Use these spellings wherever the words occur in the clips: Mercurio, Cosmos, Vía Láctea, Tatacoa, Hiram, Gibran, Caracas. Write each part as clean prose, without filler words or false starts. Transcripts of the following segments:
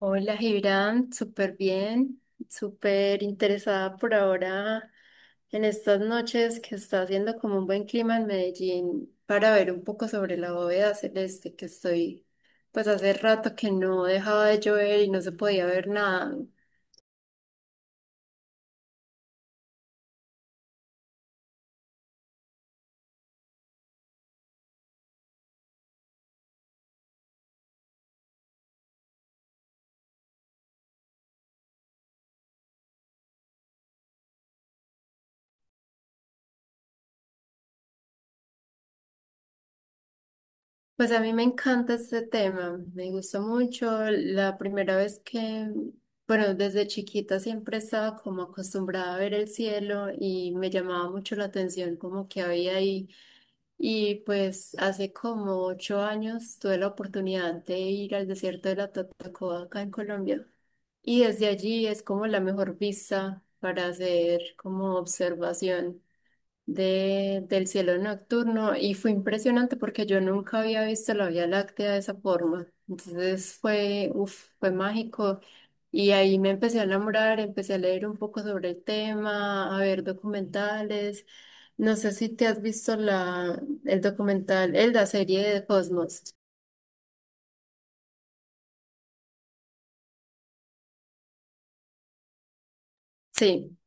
Hola, Gibran, súper bien, súper interesada por ahora en estas noches que está haciendo como un buen clima en Medellín para ver un poco sobre la bóveda celeste que estoy, pues hace rato que no dejaba de llover y no se podía ver nada. Pues a mí me encanta este tema, me gusta mucho. La primera vez que, bueno, desde chiquita siempre estaba como acostumbrada a ver el cielo y me llamaba mucho la atención como que había ahí. Y pues hace como 8 años tuve la oportunidad de ir al desierto de la Tatacoa acá en Colombia. Y desde allí es como la mejor vista para hacer como observación del cielo nocturno y fue impresionante porque yo nunca había visto la Vía Láctea de esa forma. Entonces fue, uf, fue mágico y ahí me empecé a enamorar, empecé a leer un poco sobre el tema, a ver documentales. No sé si te has visto el documental, la serie de Cosmos. Sí,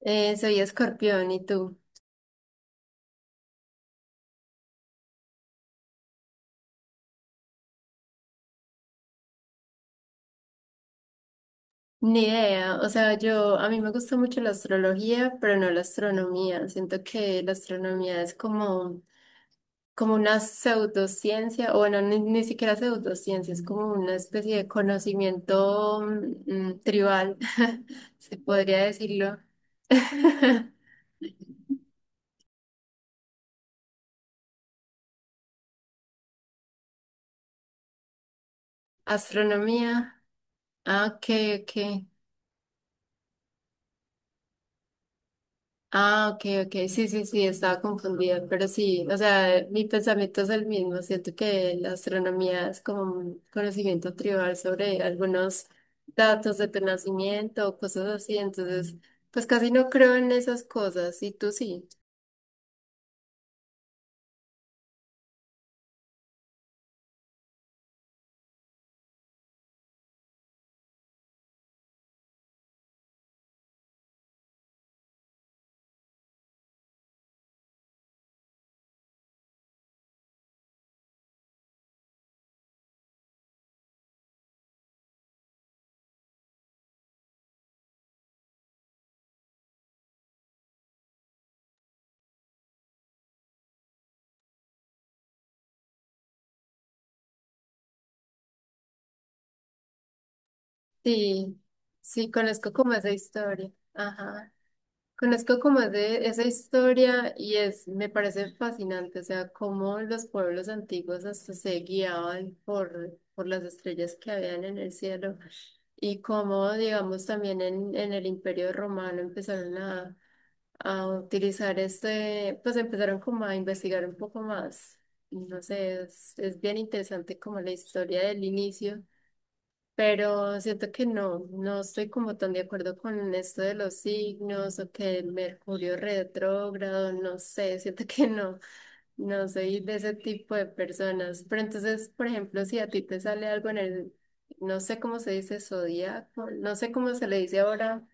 soy Escorpión, ¿y tú? Ni idea, o sea, yo, a mí me gusta mucho la astrología, pero no la astronomía. Siento que la astronomía es como como una pseudociencia, o bueno, ni siquiera pseudociencia, es como una especie de conocimiento tribal, se podría decirlo. Astronomía. Ah, ok, ok. Ah, ok, ok, sí, sí, sí, estaba confundida, pero sí, o sea, mi pensamiento es el mismo, siento que la astronomía es como un conocimiento tribal sobre algunos datos de tu nacimiento o cosas así, entonces, pues casi no creo en esas cosas, ¿y tú sí? Sí, sí, conozco como esa historia, ajá. Conozco como de esa historia y es, me parece fascinante, o sea, cómo los pueblos antiguos hasta se guiaban por las estrellas que habían en el cielo. Y cómo, digamos, también en el Imperio Romano empezaron a utilizar este, pues empezaron como a investigar un poco más. No sé, es bien interesante como la historia del inicio, pero siento que no, no estoy como tan de acuerdo con esto de los signos o que el Mercurio retrógrado, no sé, siento que no, no soy de ese tipo de personas. Pero entonces, por ejemplo, si a ti te sale algo en el, no sé cómo se dice zodiaco, no sé cómo se le dice ahora,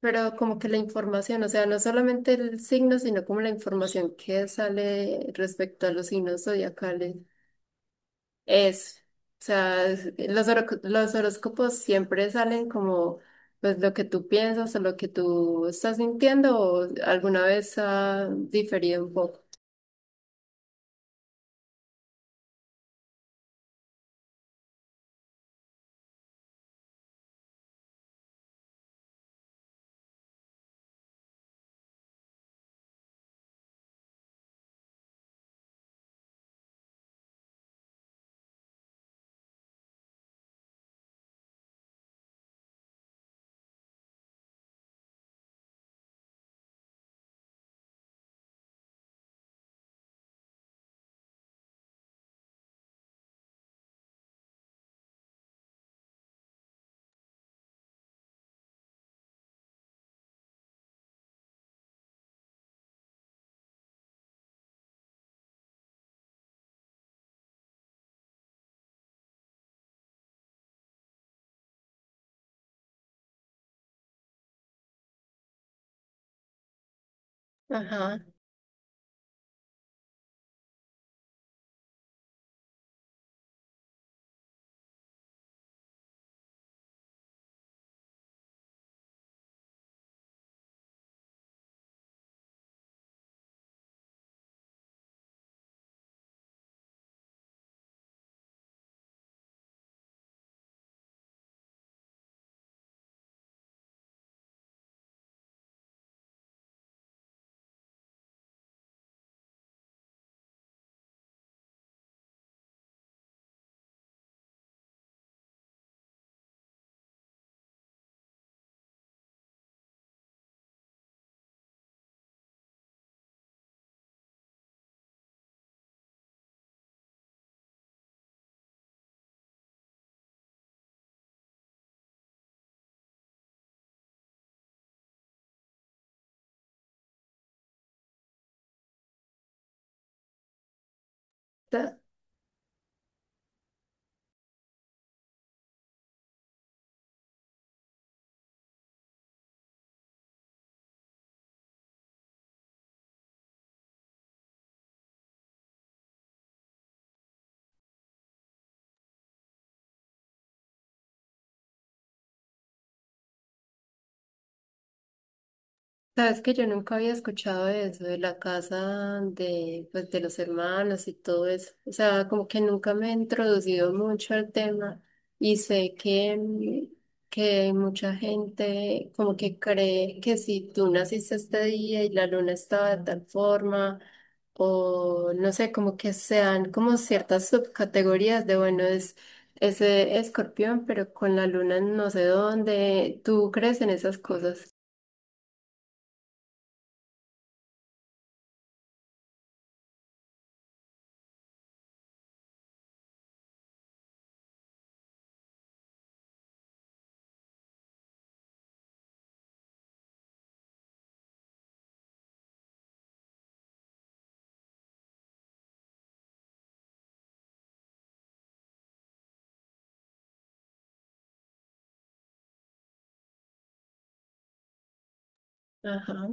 pero como que la información, o sea, no solamente el signo, sino como la información que sale respecto a los signos zodiacales. Es, o sea, es- los, horo- los horóscopos siempre salen como pues lo que tú piensas o lo que tú estás sintiendo o alguna vez ha diferido un poco. Ajá. Sabes que yo nunca había escuchado de eso, de la casa de, pues, de los hermanos y todo eso. O sea, como que nunca me he introducido mucho al tema y sé que, que mucha gente como que cree que si tú naciste este día y la luna estaba de tal forma, o no sé, como que sean como ciertas subcategorías de, bueno, es ese escorpión, pero con la luna en no sé dónde. ¿Tú crees en esas cosas? Ajá.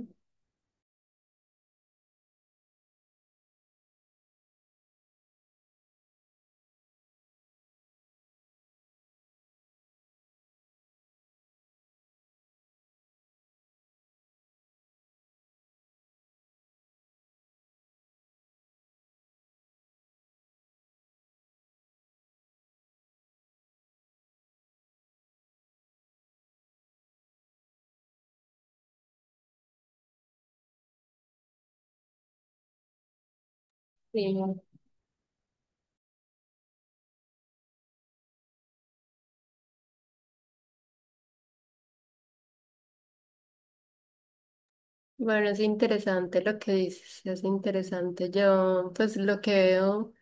Sí. Bueno, es interesante lo que dices, es interesante. Yo, pues lo que veo,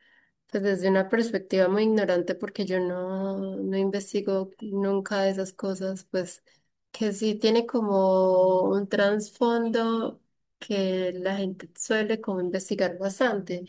pues desde una perspectiva muy ignorante, porque yo no, no investigo nunca esas cosas, pues que sí tiene como un trasfondo que la gente suele como investigar bastante.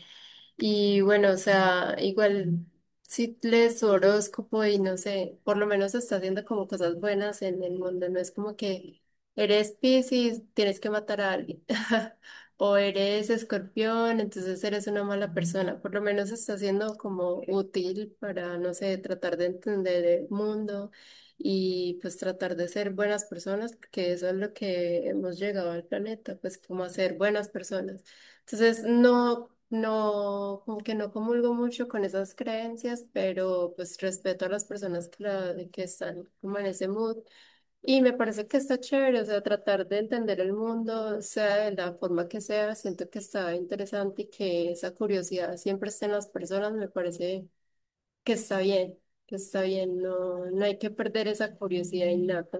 Y bueno, o sea, igual si lees su horóscopo y no sé, por lo menos está haciendo como cosas buenas en el mundo, no es como que eres Piscis, tienes que matar a alguien, o eres Escorpión, entonces eres una mala persona. Por lo menos está siendo como útil para, no sé, tratar de entender el mundo y pues tratar de ser buenas personas, porque eso es lo que hemos llegado al planeta, pues como a ser buenas personas. Entonces, no, no, como que no comulgo mucho con esas creencias, pero pues respeto a las personas que, la- que están como en ese mood. Y me parece que está chévere, o sea, tratar de entender el mundo, sea de la forma que sea, siento que está interesante y que esa curiosidad siempre esté en las personas, me parece que está bien, que está bien, no, no hay que perder esa curiosidad innata.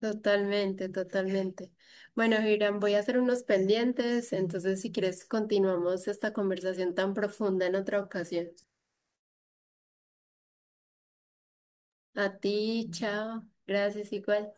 Totalmente, totalmente. Bueno, Hiram, voy a hacer unos pendientes, entonces si quieres continuamos esta conversación tan profunda en otra ocasión. A ti, chao. Gracias, igual.